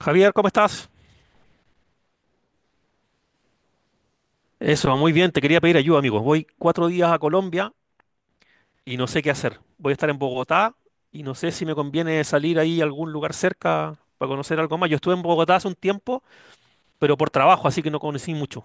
Javier, ¿cómo estás? Eso, muy bien, te quería pedir ayuda, amigo. Voy 4 días a Colombia y no sé qué hacer. Voy a estar en Bogotá y no sé si me conviene salir ahí a algún lugar cerca para conocer algo más. Yo estuve en Bogotá hace un tiempo, pero por trabajo, así que no conocí mucho.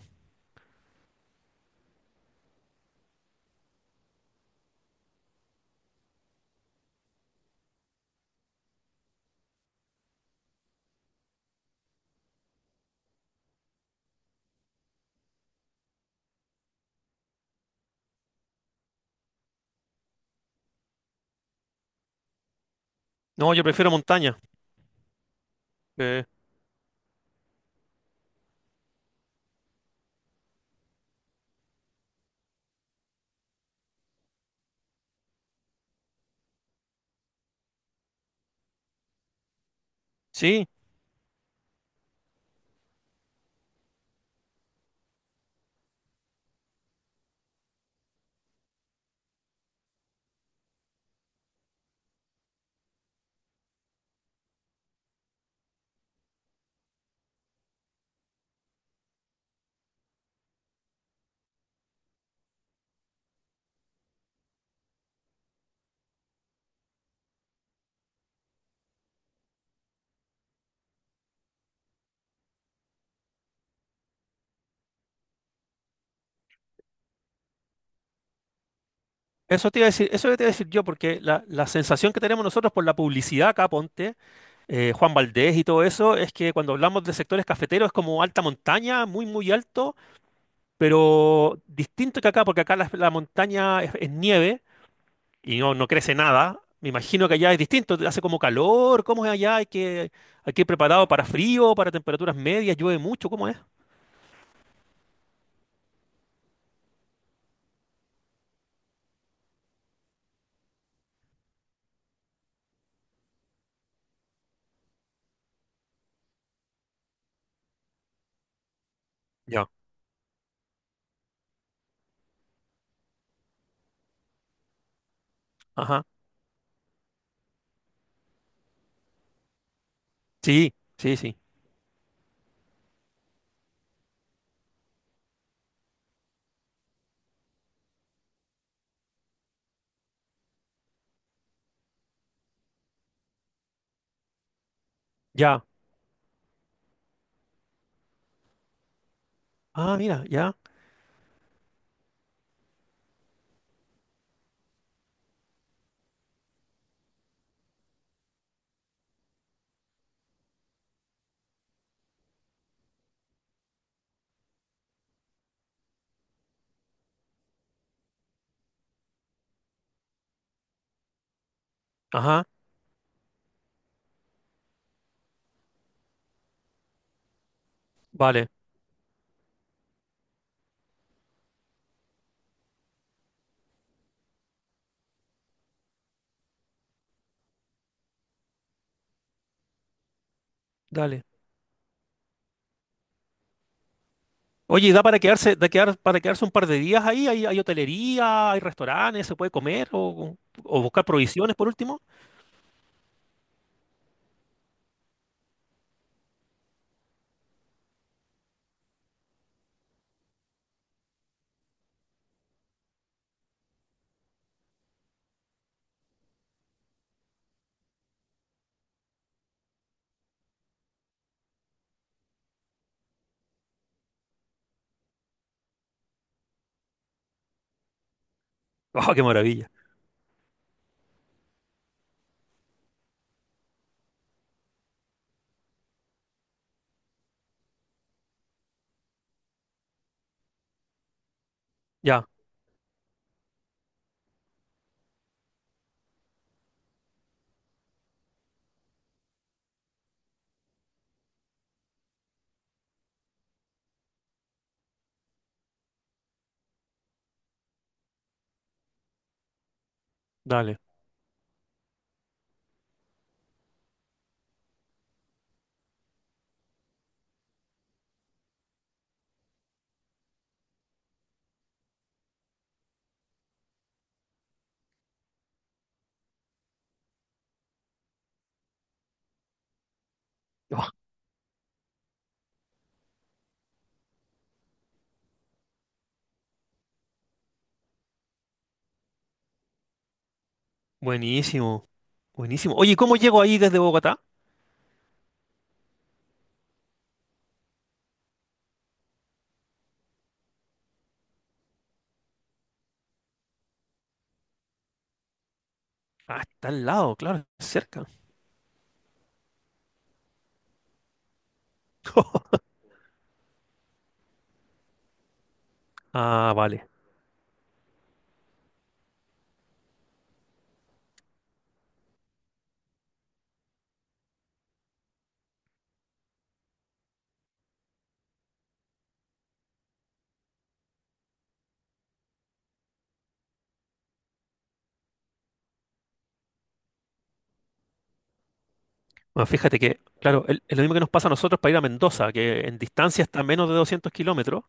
No, yo prefiero montaña. Eh, sí, eso te iba a decir, eso te iba a decir yo, porque la sensación que tenemos nosotros por la publicidad acá, ponte, Juan Valdés y todo eso, es que cuando hablamos de sectores cafeteros es como alta montaña, muy, muy alto. Pero distinto que acá, porque acá la montaña es nieve y no, no crece nada. Me imagino que allá es distinto, hace como calor, ¿cómo es allá? Hay que ir preparado para frío, para temperaturas medias, llueve mucho, ¿cómo es? Ya, ajá. Sí, sí, sí. Ya. Ah, mira, ya. Ajá. Vale, dale. Oye, ¿Y da para quedarse un par de días ahí? ¿Hay, hay hotelería, hay restaurantes, se puede comer o buscar provisiones por último? ¡Oh, qué maravilla! Ya, dale. Oh, buenísimo. Buenísimo. Oye, ¿cómo llego ahí desde Bogotá? Ah, está al lado, claro, cerca. Ah, vale. Bueno, fíjate que, claro, es lo mismo que nos pasa a nosotros para ir a Mendoza, que en distancia está a menos de 200 kilómetros,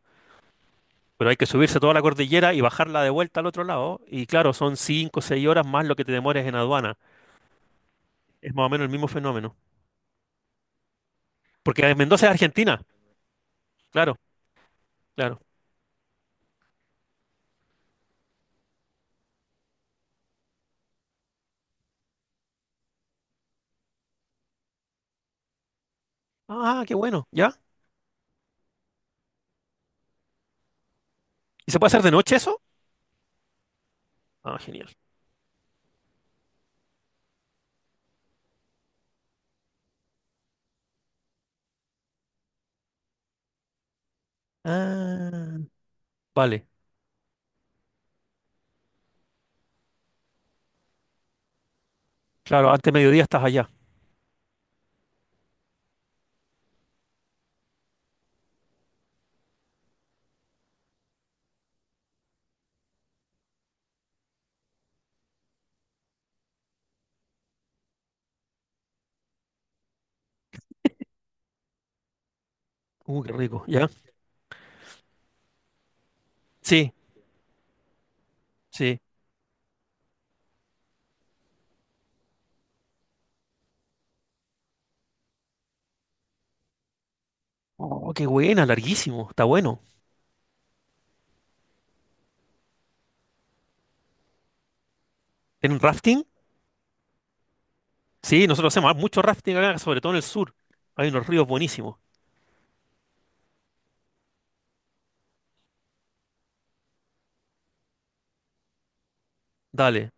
pero hay que subirse toda la cordillera y bajarla de vuelta al otro lado. Y claro, son 5 o 6 horas más lo que te demores en aduana. Es más o menos el mismo fenómeno. Porque en Mendoza es Argentina. Claro, claro. Ah, qué bueno. ¿Ya? ¿Y se puede hacer de noche eso? Ah, genial. Ah, vale. Claro, antes de mediodía estás allá. Qué rico. ¿Ya? Sí, sí. Oh, qué buena, larguísimo, está bueno. ¿En rafting? Sí, nosotros hacemos mucho rafting acá, sobre todo en el sur. Hay unos ríos buenísimos. Dale.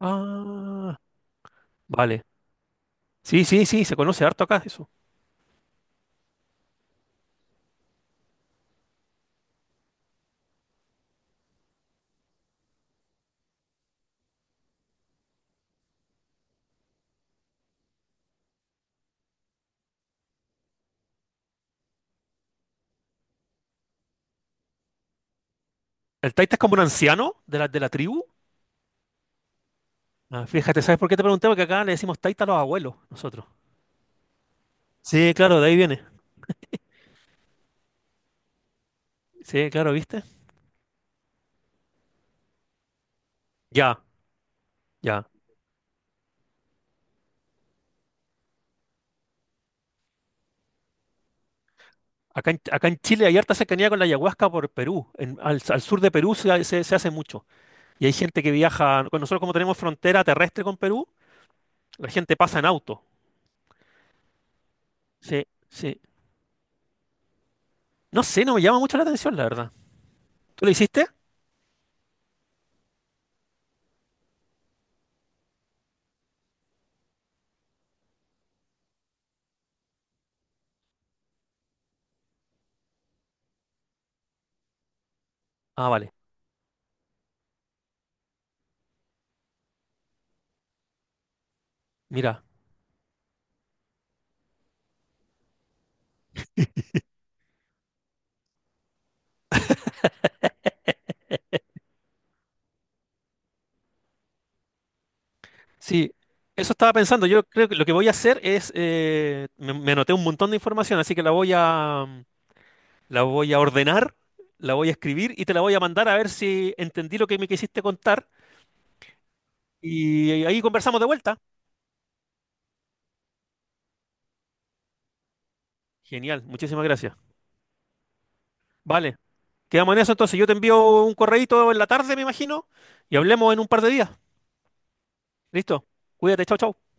Ah, vale. Sí, sí, sí, se conoce harto acá eso. El taita es como un anciano de la tribu. Ah, fíjate, ¿sabes por qué te pregunté? Porque acá le decimos taita a los abuelos, nosotros. Sí, claro, de ahí viene. Sí, claro, ¿viste? Ya, ya. Acá en, acá en Chile hay harta cercanía con la ayahuasca por Perú. Al sur de Perú se, ha- se se hace mucho. Y hay gente que viaja, con nosotros como tenemos frontera terrestre con Perú, la gente pasa en auto. Sí, sí. No sé, no me llama mucho la atención, la verdad. ¿Tú lo hiciste? Ah, vale. Mira. Sí, eso estaba pensando. Yo creo que lo que voy a hacer es, me anoté un montón de información, así que la voy a ordenar, la voy a escribir y te la voy a mandar a ver si entendí lo que me quisiste contar. Y ahí conversamos de vuelta. Genial, muchísimas gracias. Vale, quedamos en eso entonces. Yo te envío un correíto en la tarde, me imagino, y hablemos en un par de días. Listo. Cuídate, chao, chao.